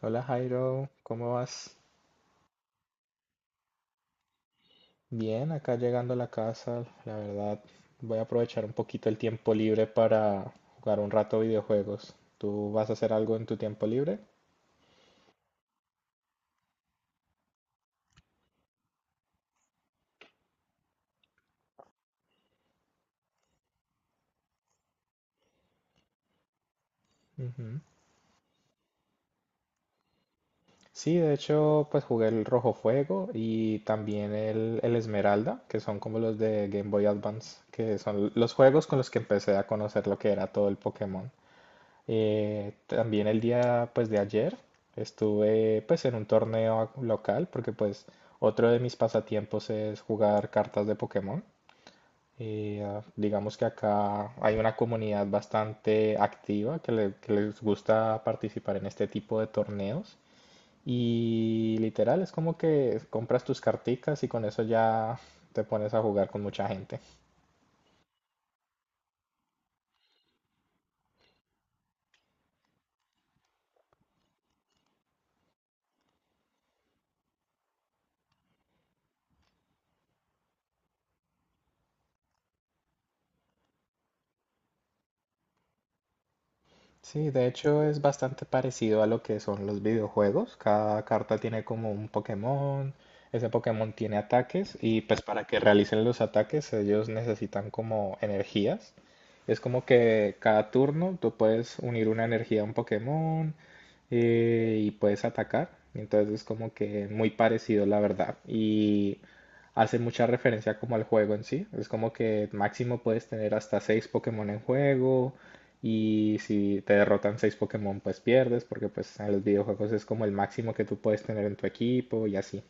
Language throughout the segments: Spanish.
Hola Jairo, ¿cómo vas? Bien, acá llegando a la casa, la verdad, voy a aprovechar un poquito el tiempo libre para jugar un rato videojuegos. ¿Tú vas a hacer algo en tu tiempo libre? Ujú. Sí, de hecho, pues jugué el Rojo Fuego y también el Esmeralda, que son como los de Game Boy Advance, que son los juegos con los que empecé a conocer lo que era todo el Pokémon. También el día pues de ayer estuve pues en un torneo local porque pues otro de mis pasatiempos es jugar cartas de Pokémon. Y digamos que acá hay una comunidad bastante activa que, que les gusta participar en este tipo de torneos. Y literal es como que compras tus carticas y con eso ya te pones a jugar con mucha gente. Sí, de hecho es bastante parecido a lo que son los videojuegos. Cada carta tiene como un Pokémon, ese Pokémon tiene ataques y pues para que realicen los ataques ellos necesitan como energías. Es como que cada turno tú puedes unir una energía a un Pokémon y puedes atacar. Entonces es como que muy parecido la verdad. Y hace mucha referencia como al juego en sí. Es como que máximo puedes tener hasta seis Pokémon en juego. Y si te derrotan seis Pokémon, pues pierdes, porque pues en los videojuegos es como el máximo que tú puedes tener en tu equipo y así.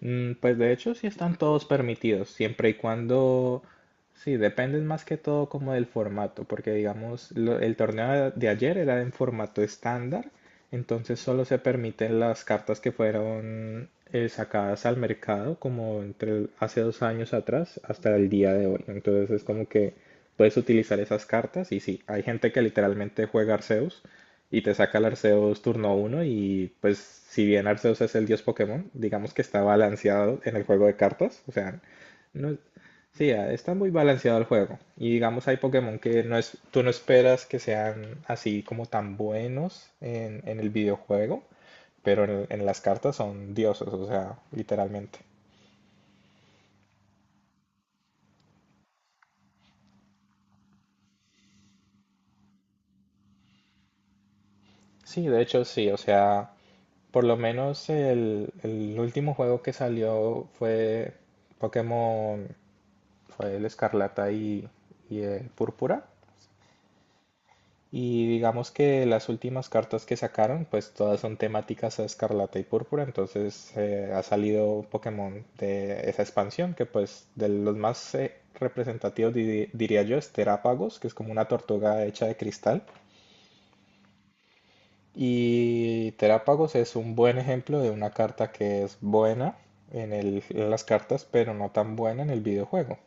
Pues de hecho sí están todos permitidos, siempre y cuando, sí, dependen más que todo como del formato, porque digamos, el torneo de ayer era en formato estándar, entonces solo se permiten las cartas que fueron sacadas al mercado como entre hace 2 años atrás hasta el día de hoy. Entonces es como que puedes utilizar esas cartas y sí, hay gente que literalmente juega Arceus y te saca el Arceus turno uno y pues si bien Arceus es el dios Pokémon, digamos que está balanceado en el juego de cartas, o sea, no, sí, está muy balanceado el juego y digamos hay Pokémon que no es, tú no esperas que sean así como tan buenos en el videojuego, pero en las cartas son dioses, o sea, literalmente. Sí, de hecho sí, o sea, por lo menos el último juego que salió fue Pokémon, fue el Escarlata y el Púrpura. Y digamos que las últimas cartas que sacaron, pues todas son temáticas a Escarlata y Púrpura, entonces ha salido Pokémon de esa expansión, que pues de los más representativos diría yo es Terapagos que es como una tortuga hecha de cristal. Y Terapagos es un buen ejemplo de una carta que es buena en las cartas, pero no tan buena en el videojuego.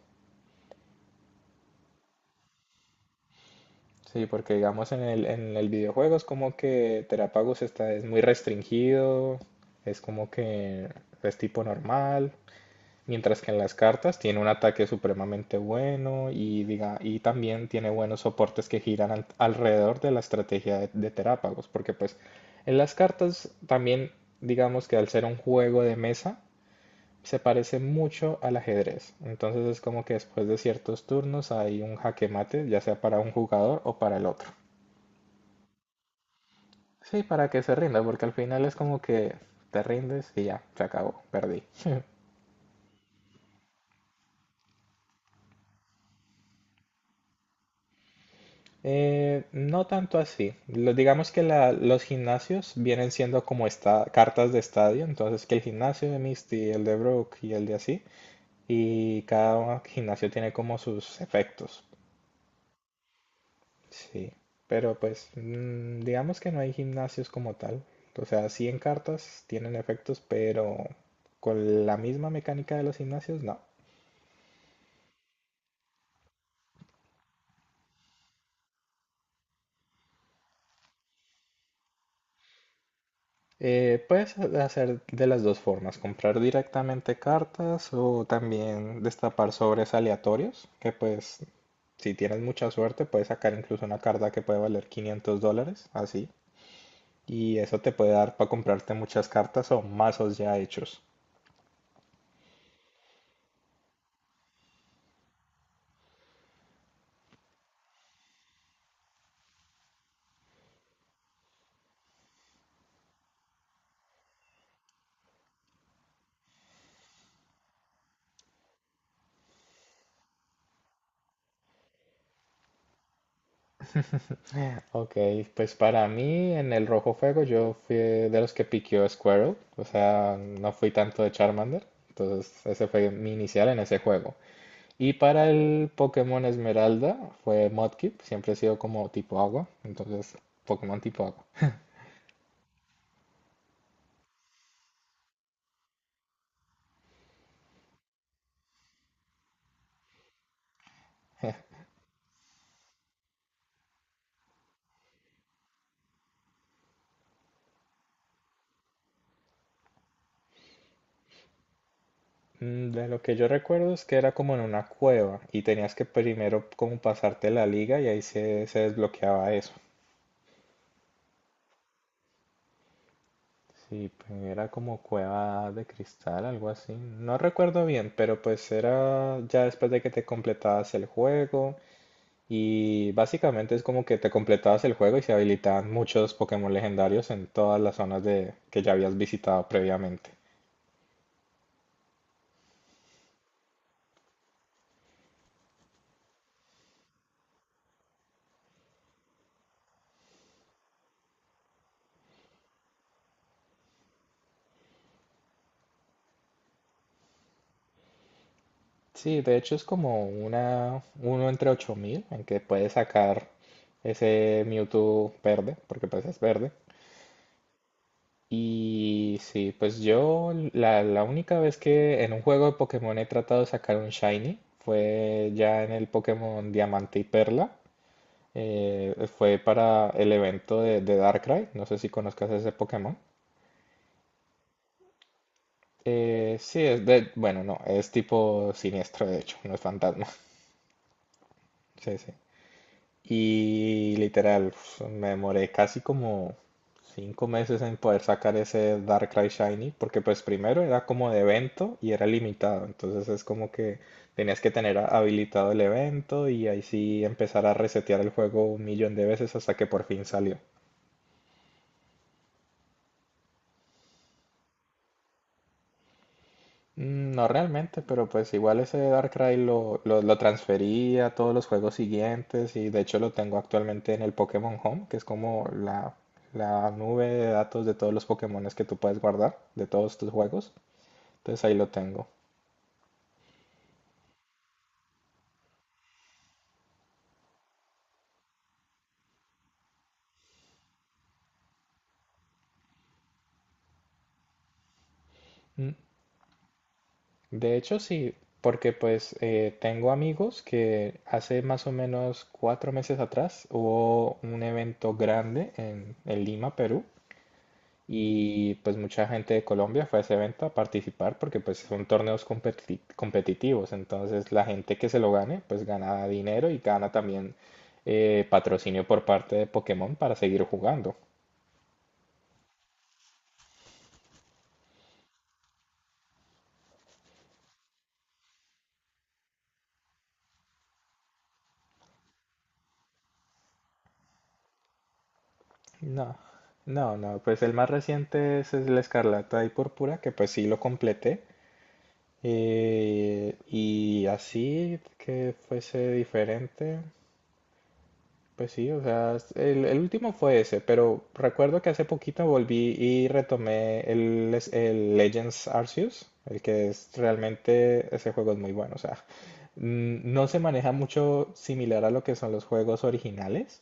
Sí, porque digamos en el videojuego es como que Terapagos es muy restringido, es como que es tipo normal, mientras que en las cartas tiene un ataque supremamente bueno y también tiene buenos soportes que giran alrededor de la estrategia de Terapagos, porque pues en las cartas también digamos que al ser un juego de mesa se parece mucho al ajedrez, entonces es como que después de ciertos turnos hay un jaque mate, ya sea para un jugador o para el otro. Sí, para que se rinda, porque al final es como que te rindes y ya, se acabó, perdí. No tanto así. Digamos que los gimnasios vienen siendo como esta, cartas de estadio, entonces que el gimnasio de Misty, el de Brook y el de así, y cada gimnasio tiene como sus efectos. Sí, pero pues digamos que no hay gimnasios como tal. O sea, sí en cartas tienen efectos, pero con la misma mecánica de los gimnasios, no. Puedes hacer de las dos formas, comprar directamente cartas o también destapar sobres aleatorios, que pues si tienes mucha suerte puedes sacar incluso una carta que puede valer $500, así. Y eso te puede dar para comprarte muchas cartas o mazos ya hechos. Ok, pues para mí en el Rojo Fuego yo fui de los que piqueó Squirtle, o sea, no fui tanto de Charmander, entonces ese fue mi inicial en ese juego. Y para el Pokémon Esmeralda fue Mudkip, siempre ha sido como tipo agua, entonces Pokémon tipo agua. De lo que yo recuerdo es que era como en una cueva y tenías que primero como pasarte la liga y ahí se desbloqueaba eso. Sí, pues, era como cueva de cristal, algo así. No recuerdo bien, pero pues era ya después de que te completabas el juego. Y básicamente es como que te completabas el juego y se habilitaban muchos Pokémon legendarios en todas las zonas de, que ya habías visitado previamente. Sí, de hecho es como una uno entre 8.000 en que puedes sacar ese Mewtwo verde, porque pues es verde. Y sí, pues yo la única vez que en un juego de Pokémon he tratado de sacar un Shiny fue ya en el Pokémon Diamante y Perla. Fue para el evento de Darkrai. No sé si conozcas ese Pokémon. Sí, es de. Bueno, no, es tipo siniestro, de hecho, no es fantasma. Sí, sí. Y literal, uf, me demoré casi como 5 meses en poder sacar ese Darkrai Shiny, porque pues primero era como de evento y era limitado, entonces es como que tenías que tener habilitado el evento y ahí sí empezar a resetear el juego un millón de veces hasta que por fin salió. No realmente, pero pues igual ese Darkrai lo transferí a todos los juegos siguientes y de hecho lo tengo actualmente en el Pokémon Home, que es como la nube de datos de todos los Pokémones que tú puedes guardar, de todos tus juegos. Entonces ahí lo tengo. Mm, De hecho sí, porque pues tengo amigos que hace más o menos 4 meses atrás hubo un evento grande en Lima, Perú. Y pues mucha gente de Colombia fue a ese evento a participar porque pues son torneos competitivos. Entonces la gente que se lo gane pues gana dinero y gana también patrocinio por parte de Pokémon para seguir jugando. No, no, no. Pues el más reciente es el Escarlata y Púrpura que pues sí lo completé. Y así que fuese diferente. Pues sí, o sea, el último fue ese, pero recuerdo que hace poquito volví y retomé el Legends Arceus, el que es realmente, ese juego es muy bueno, o sea, no se maneja mucho similar a lo que son los juegos originales,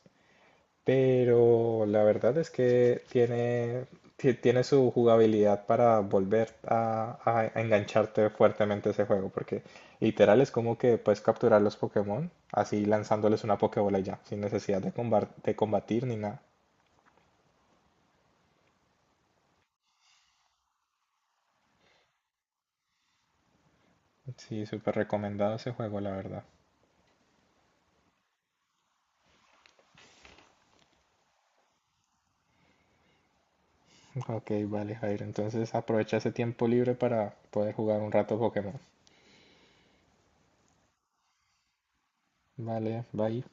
pero la verdad es que tiene su jugabilidad para volver a engancharte fuertemente a ese juego, porque literal es como que puedes capturar los Pokémon así lanzándoles una Pokébola y ya, sin necesidad de combatir ni nada. Sí, súper recomendado ese juego, la verdad. Ok, vale, Jairo. Entonces aprovecha ese tiempo libre para poder jugar un rato Pokémon. Vale, bye.